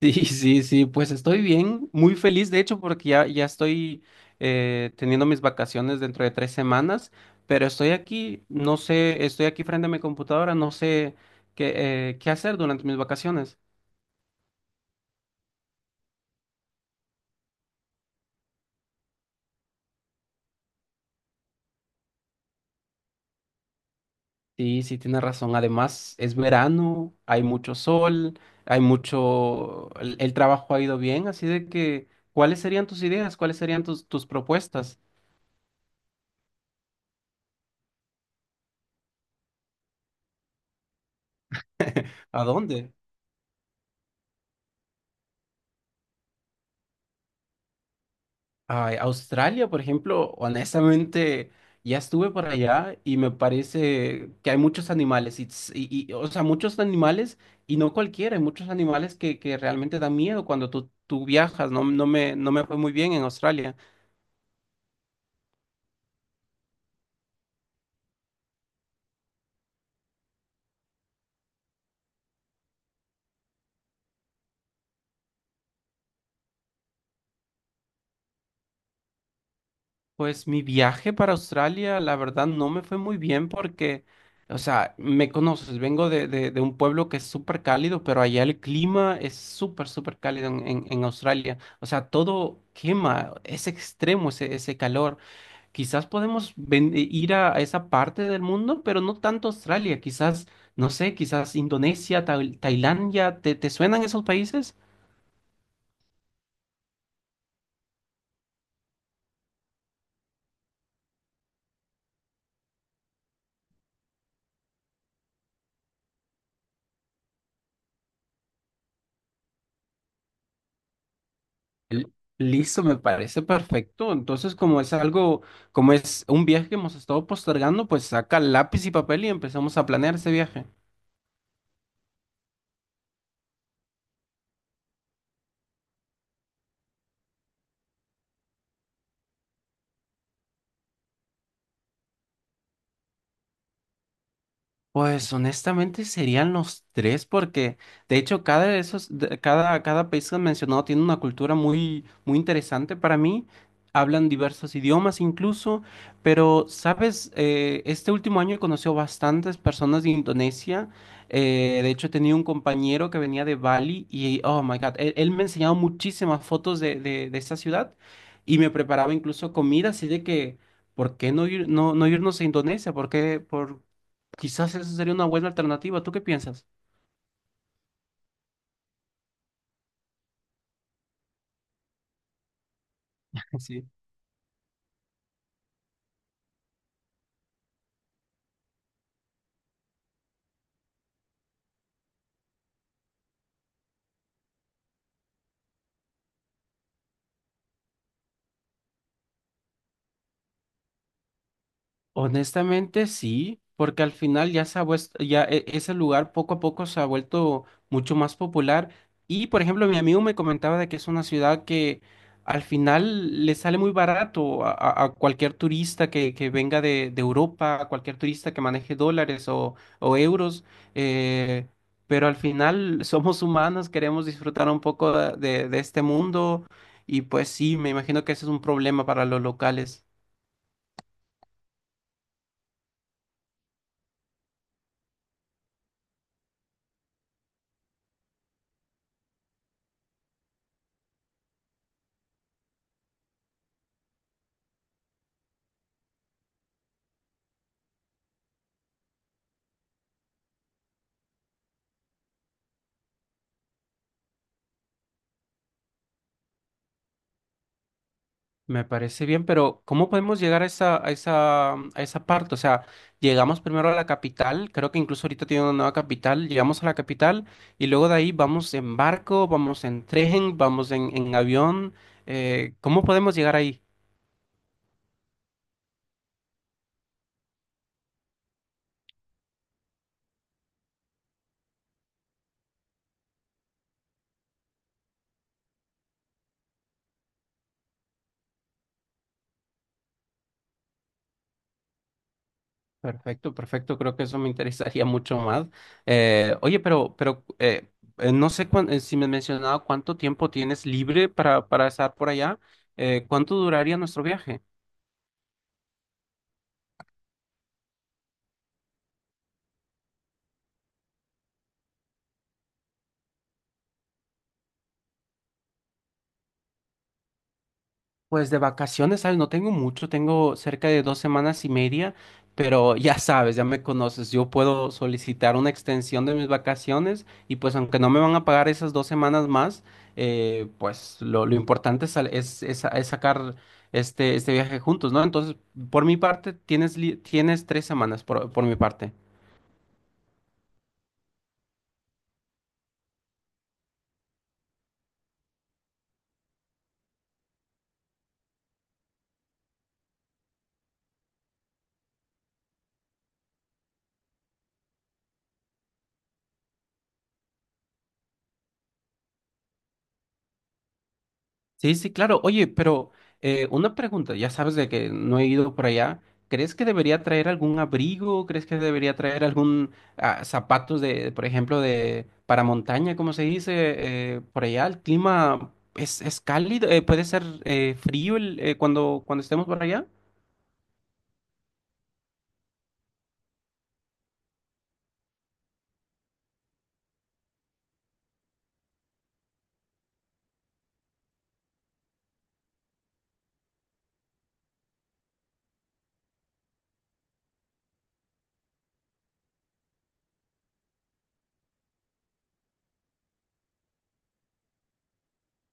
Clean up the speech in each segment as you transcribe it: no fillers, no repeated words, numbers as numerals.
Sí, sí, sí, pues estoy bien, muy feliz de hecho porque ya estoy teniendo mis vacaciones dentro de 3 semanas, pero estoy aquí, no sé, estoy aquí frente a mi computadora, no sé qué, qué hacer durante mis vacaciones. Sí, sí, tienes razón, además es verano, hay mucho sol, hay mucho, el trabajo ha ido bien, así de que, ¿cuáles serían tus ideas? ¿Cuáles serían tus propuestas? ¿A dónde? Ay, Australia, por ejemplo, honestamente, ya estuve por allá y me parece que hay muchos animales, o sea, muchos animales, y no cualquiera, hay muchos animales que realmente dan miedo cuando tú viajas, no, no me fue muy bien en Australia. Pues mi viaje para Australia, la verdad, no me fue muy bien porque, o sea, me conoces, vengo de, de un pueblo que es súper cálido, pero allá el clima es súper, súper cálido en, en Australia. O sea, todo quema, es extremo ese calor. Quizás podemos ir a esa parte del mundo, pero no tanto Australia. Quizás, no sé, quizás Indonesia, Tailandia, ¿te, te suenan esos países? L- Listo, me parece perfecto. Entonces, como es algo, como es un viaje que hemos estado postergando, pues saca lápiz y papel y empezamos a planear ese viaje. Pues honestamente serían los tres porque de hecho cada de esos de- cada cada país que han mencionado tiene una cultura muy muy interesante para mí. Hablan diversos idiomas incluso, pero sabes, eh, este último año he conocido bastantes personas de Indonesia. De hecho tenía un compañero que venía de Bali y oh my God, él me enseñaba muchísimas fotos de, de esta ciudad y me preparaba incluso comida, así de que ¿por qué no ir no no irnos a Indonesia? ¿Por qué por Quizás esa sería una buena alternativa. ¿Tú qué piensas? Sí. Honestamente sí, porque al final ya se ha vuest- ya e- ese lugar poco a poco se ha vuelto mucho más popular. Y por ejemplo, mi amigo me comentaba de que es una ciudad que al final le sale muy barato a, a cualquier turista que venga de Europa, a cualquier turista que maneje dólares o euros. eh, pero al final somos humanos, queremos disfrutar un poco de este mundo. Y pues sí, me imagino que ese es un problema para los locales. Me parece bien, pero ¿cómo podemos llegar a esa, a esa, a esa parte? O sea, llegamos primero a la capital, creo que incluso ahorita tiene una nueva capital, llegamos a la capital y luego de ahí vamos en barco, vamos en tren, vamos en avión. ¿Cómo podemos llegar ahí? Perfecto, perfecto, creo que eso me interesaría mucho más. Oye, pero no sé si me has mencionado cuánto tiempo tienes libre para estar por allá, ¿cuánto duraría nuestro viaje? Pues de vacaciones, ¿sabes? No tengo mucho, tengo cerca de 2 semanas y media, pero ya sabes, ya me conoces, yo puedo solicitar una extensión de mis vacaciones y pues aunque no me van a pagar esas 2 semanas más, pues lo importante es, es sacar este viaje juntos, ¿no? Entonces, por mi parte, tienes 3 semanas, por mi parte. Sí, sí, claro. Oye, pero una pregunta, ya sabes de que no he ido por allá. ¿Crees que debería traer algún abrigo? ¿Crees que debería traer algún ah, zapatos de, por ejemplo, de para montaña, como se dice por allá? El clima es cálido, puede ser frío cuando estemos por allá.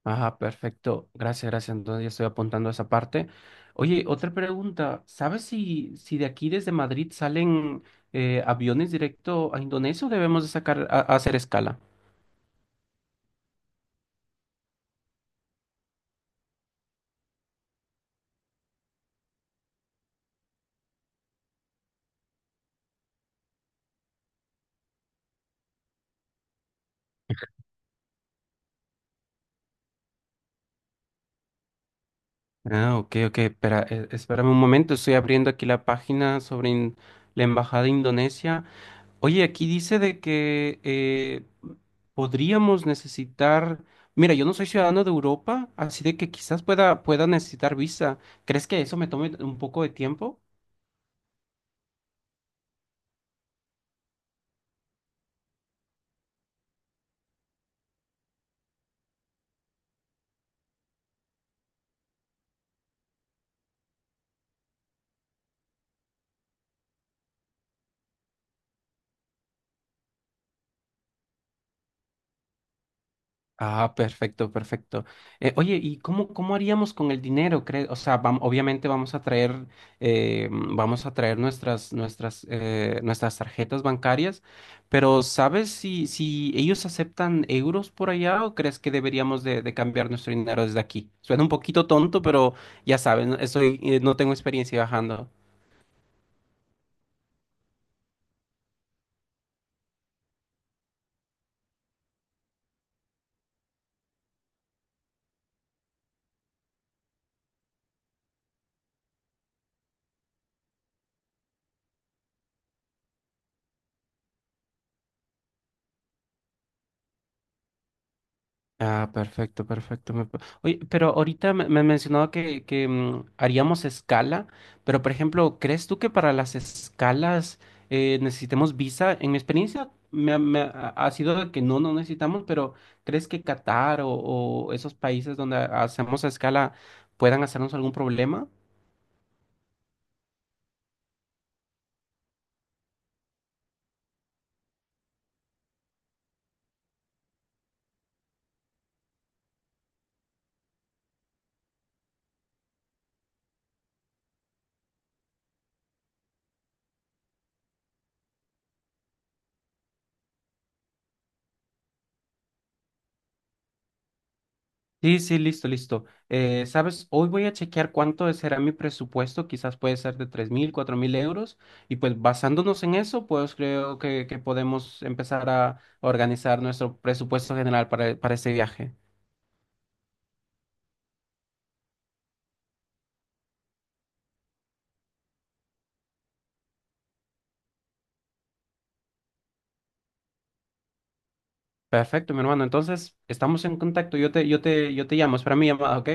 Ajá, perfecto. Gracias, gracias. Entonces ya estoy apuntando esa parte. Oye, otra pregunta. ¿Sabes si, si de aquí desde Madrid salen aviones directo a Indonesia o debemos de a hacer escala? Ah, ok, ok. Espera, espérame un momento. Estoy abriendo aquí la página sobre la Embajada de Indonesia. Oye, aquí dice de que podríamos necesitar... Mira, yo no soy ciudadano de Europa, así de que quizás pueda necesitar visa. ¿Crees que eso me tome un poco de tiempo? Ah, perfecto, perfecto. Oye, ¿y cómo, cómo haríamos con el dinero? O sea, obviamente vamos a traer, vamos a traer nuestras, nuestras tarjetas bancarias, pero ¿sabes si, si ellos aceptan euros por allá o crees que deberíamos de cambiar nuestro dinero desde aquí? Suena un poquito tonto, pero ya saben, estoy, no tengo experiencia viajando. Ah, perfecto, perfecto. Oye, pero ahorita me mencionaba que haríamos escala, pero por ejemplo, ¿crees tú que para las escalas necesitemos visa? En mi experiencia me ha sido de que no, no necesitamos, pero ¿crees que Qatar o esos países donde hacemos escala puedan hacernos algún problema? Sí, sí, listo, listo. ¿Sabes? Hoy voy a chequear cuánto será mi presupuesto, quizás puede ser de 3.000, 4.000 euros, y pues basándonos en eso, pues creo que podemos empezar a organizar nuestro presupuesto general para ese viaje. Perfecto, mi hermano. Entonces, estamos en contacto. Yo te llamo, espera mi llamada, ¿ok?